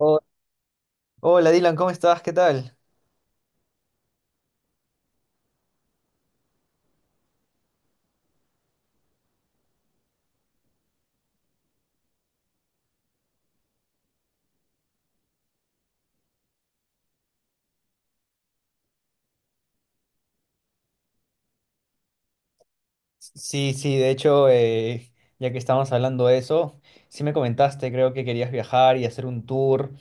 Oh, hola Dylan, ¿cómo estás? ¿Qué tal? Sí, sí, de hecho, ya que estábamos hablando de eso, sí me comentaste, creo que querías viajar y hacer un tour.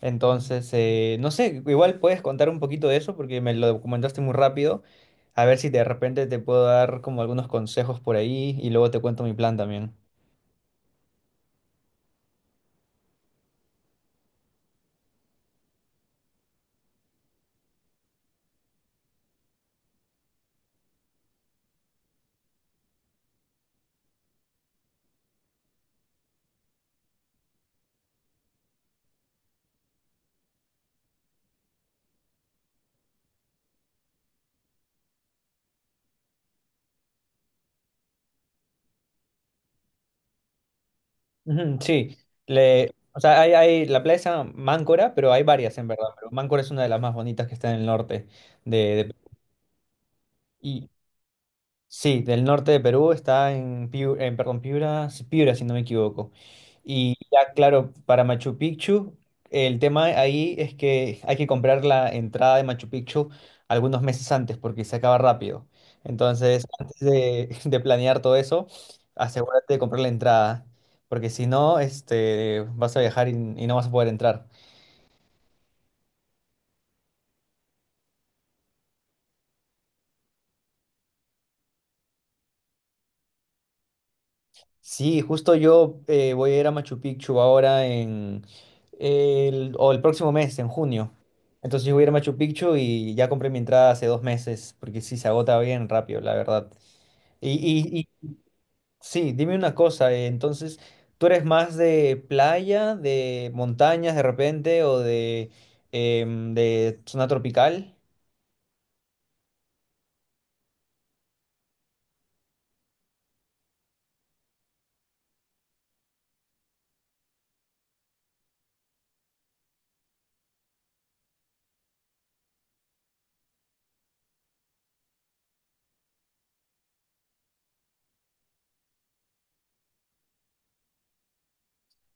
Entonces, no sé, igual puedes contar un poquito de eso porque me lo comentaste muy rápido. A ver si de repente te puedo dar como algunos consejos por ahí y luego te cuento mi plan también. Ujú, sí, le, o sea, hay la playa se llama Máncora, pero hay varias en verdad, pero Máncora es una de las más bonitas que está en el norte de de- y, sí, del norte de Perú está en Piura, en, perdón, Piura, sí, Piura, si no me equivoco. Y ya, claro, para Machu Picchu, el tema ahí es que hay que comprar la entrada de Machu Picchu algunos meses antes porque se acaba rápido. Entonces, antes de, de planear todo eso, asegúrate de comprar la entrada, porque si no, este, vas a viajar y no vas a poder entrar. Sí, justo yo voy a ir a Machu Picchu ahora en el, o el próximo mes, en junio. Entonces yo voy a ir a Machu Picchu y ya compré mi entrada hace dos meses, porque sí, se agota bien rápido, la verdad. Y sí, dime una cosa, entonces, ¿tú eres más de playa, de montañas de repente o de, de zona tropical?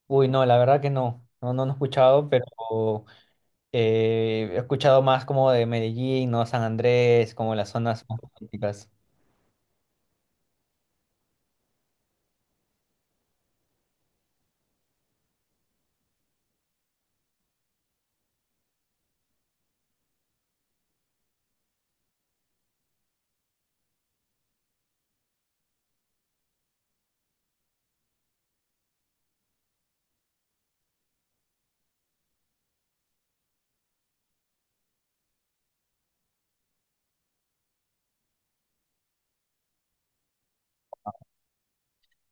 Uy, no, la verdad que no, no, no, no he escuchado, pero... he escuchado más como de Medellín, ¿no? San Andrés, como las zonas más turísticas.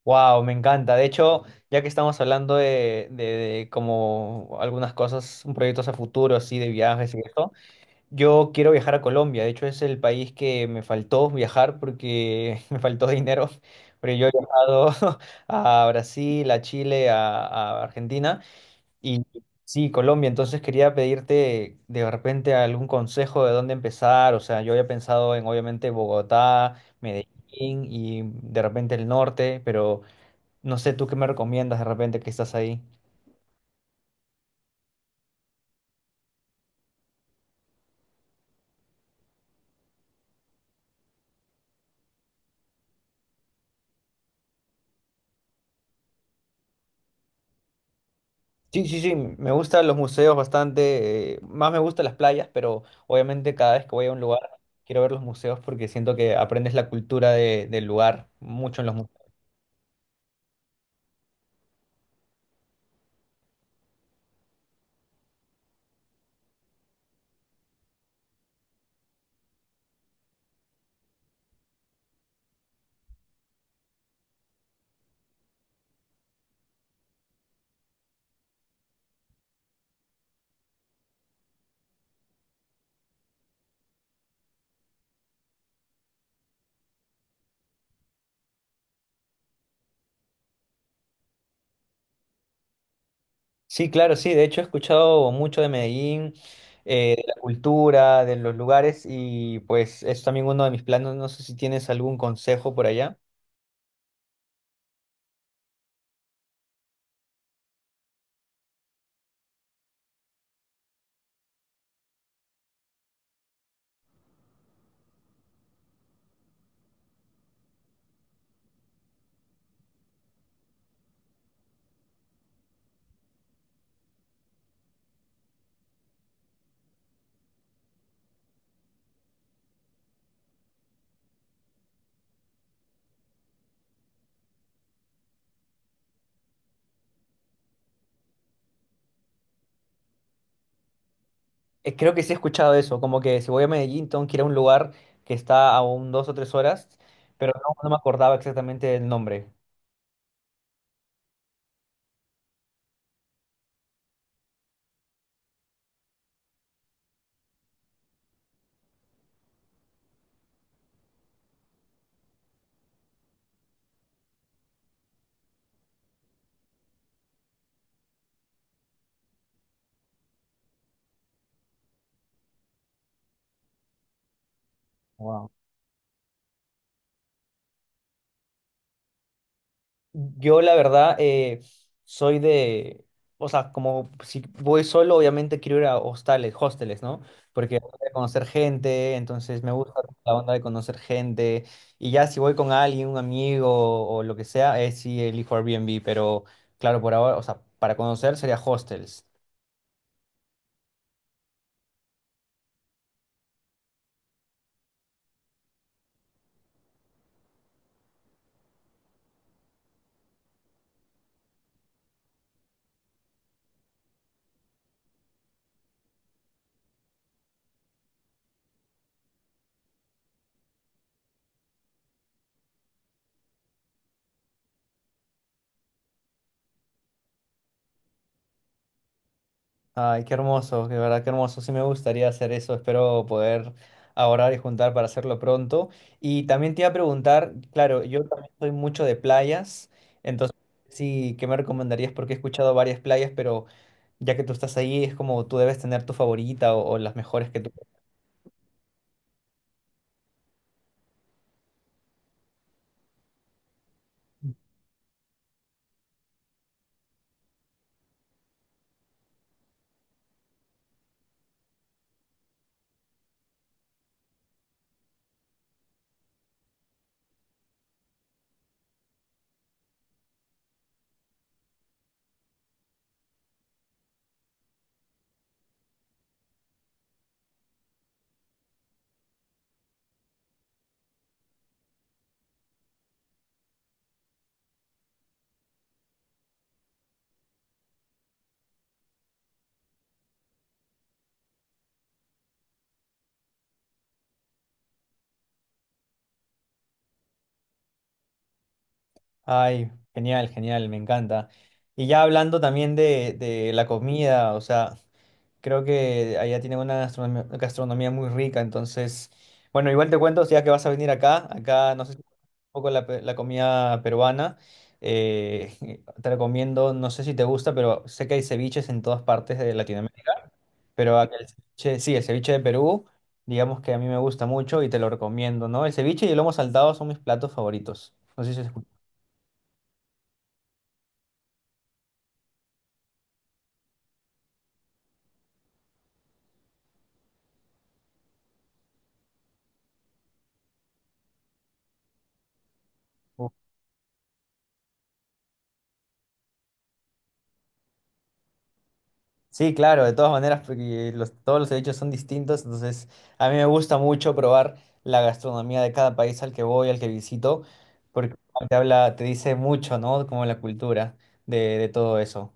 Wow, me encanta. De hecho, ya que estamos hablando de, de como algunas cosas, un proyectos a futuro, así, de viajes y esto, yo quiero viajar a Colombia. De hecho, es el país que me faltó viajar porque me faltó dinero. Pero yo he viajado a Brasil, a Chile, a Argentina. Y sí, Colombia, entonces quería pedirte de repente algún consejo de dónde empezar. O sea, yo había pensado en obviamente Bogotá, Medellín y de repente el norte, pero no sé tú qué me recomiendas de repente que estás ahí. Sí, sí, sí, me gustan los museos bastante, más me gustan las playas, pero obviamente cada vez que voy a un lugar quiero ver los museos porque siento que aprendes la cultura del lugar mucho en los museos. Sí, claro, sí. De hecho, he escuchado mucho de Medellín, de la cultura, de los lugares y pues es también uno de mis planes. No sé si tienes algún consejo por allá. Creo que sí he escuchado eso, como que si voy a Medellín tengo que ir a un lugar que está a un dos o tres horas, pero no, no me acordaba exactamente el nombre. Yo la verdad soy de, o sea, como si voy solo, obviamente quiero ir a hostales, hosteles, ¿no? Porque voy a conocer gente, entonces me gusta la onda de conocer gente. Y ya si voy con alguien, un amigo o lo que sea, es si elijo Airbnb, pero claro, por ahora, o sea, para conocer sería hostels. Ay, qué hermoso, de verdad qué hermoso. Sí me gustaría hacer eso. Espero poder ahorrar y juntar para hacerlo pronto. Y también te iba a preguntar, claro, yo también soy mucho de playas, entonces sí, ¿qué me recomendarías? Porque he escuchado varias playas, pero ya que tú estás ahí, es como tú debes tener tu favorita o las mejores que tú. Ay, genial, genial, me encanta. Y ya hablando también de la comida, o sea. Creo que allá tienen una gastronomía, gastronomía muy rica, entonces, bueno, igual te cuento, ya que vas a venir acá, acá no sé si un poco la, la comida peruana, eh, te recomiendo, no sé si te gusta, pero sé que hay ceviches en todas partes de Latinoamérica, pero acá el ceviche, sí, el ceviche de Perú, digamos que a mí me gusta mucho y te lo recomiendo, ¿no? El ceviche y el lomo saltado son mis platos favoritos. No sé si se escucha. Sí, claro, de todas maneras, porque los, todos los hechos son distintos, entonces a mí me gusta mucho probar la gastronomía de cada país al que voy, al que visito, porque te habla, te dice mucho, ¿no? Como la cultura de todo eso.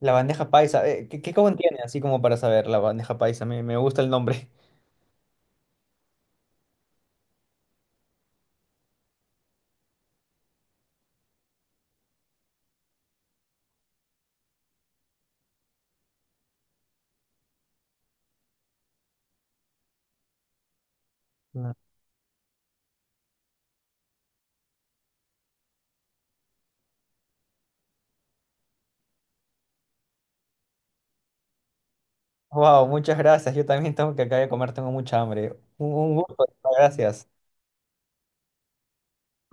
La bandeja paisa, ¿qué, qué contiene? Así como para saber, la bandeja paisa, me gusta el nombre. Wow, muchas gracias, yo también tengo que acá de comer, tengo mucha hambre. Un gusto, gracias.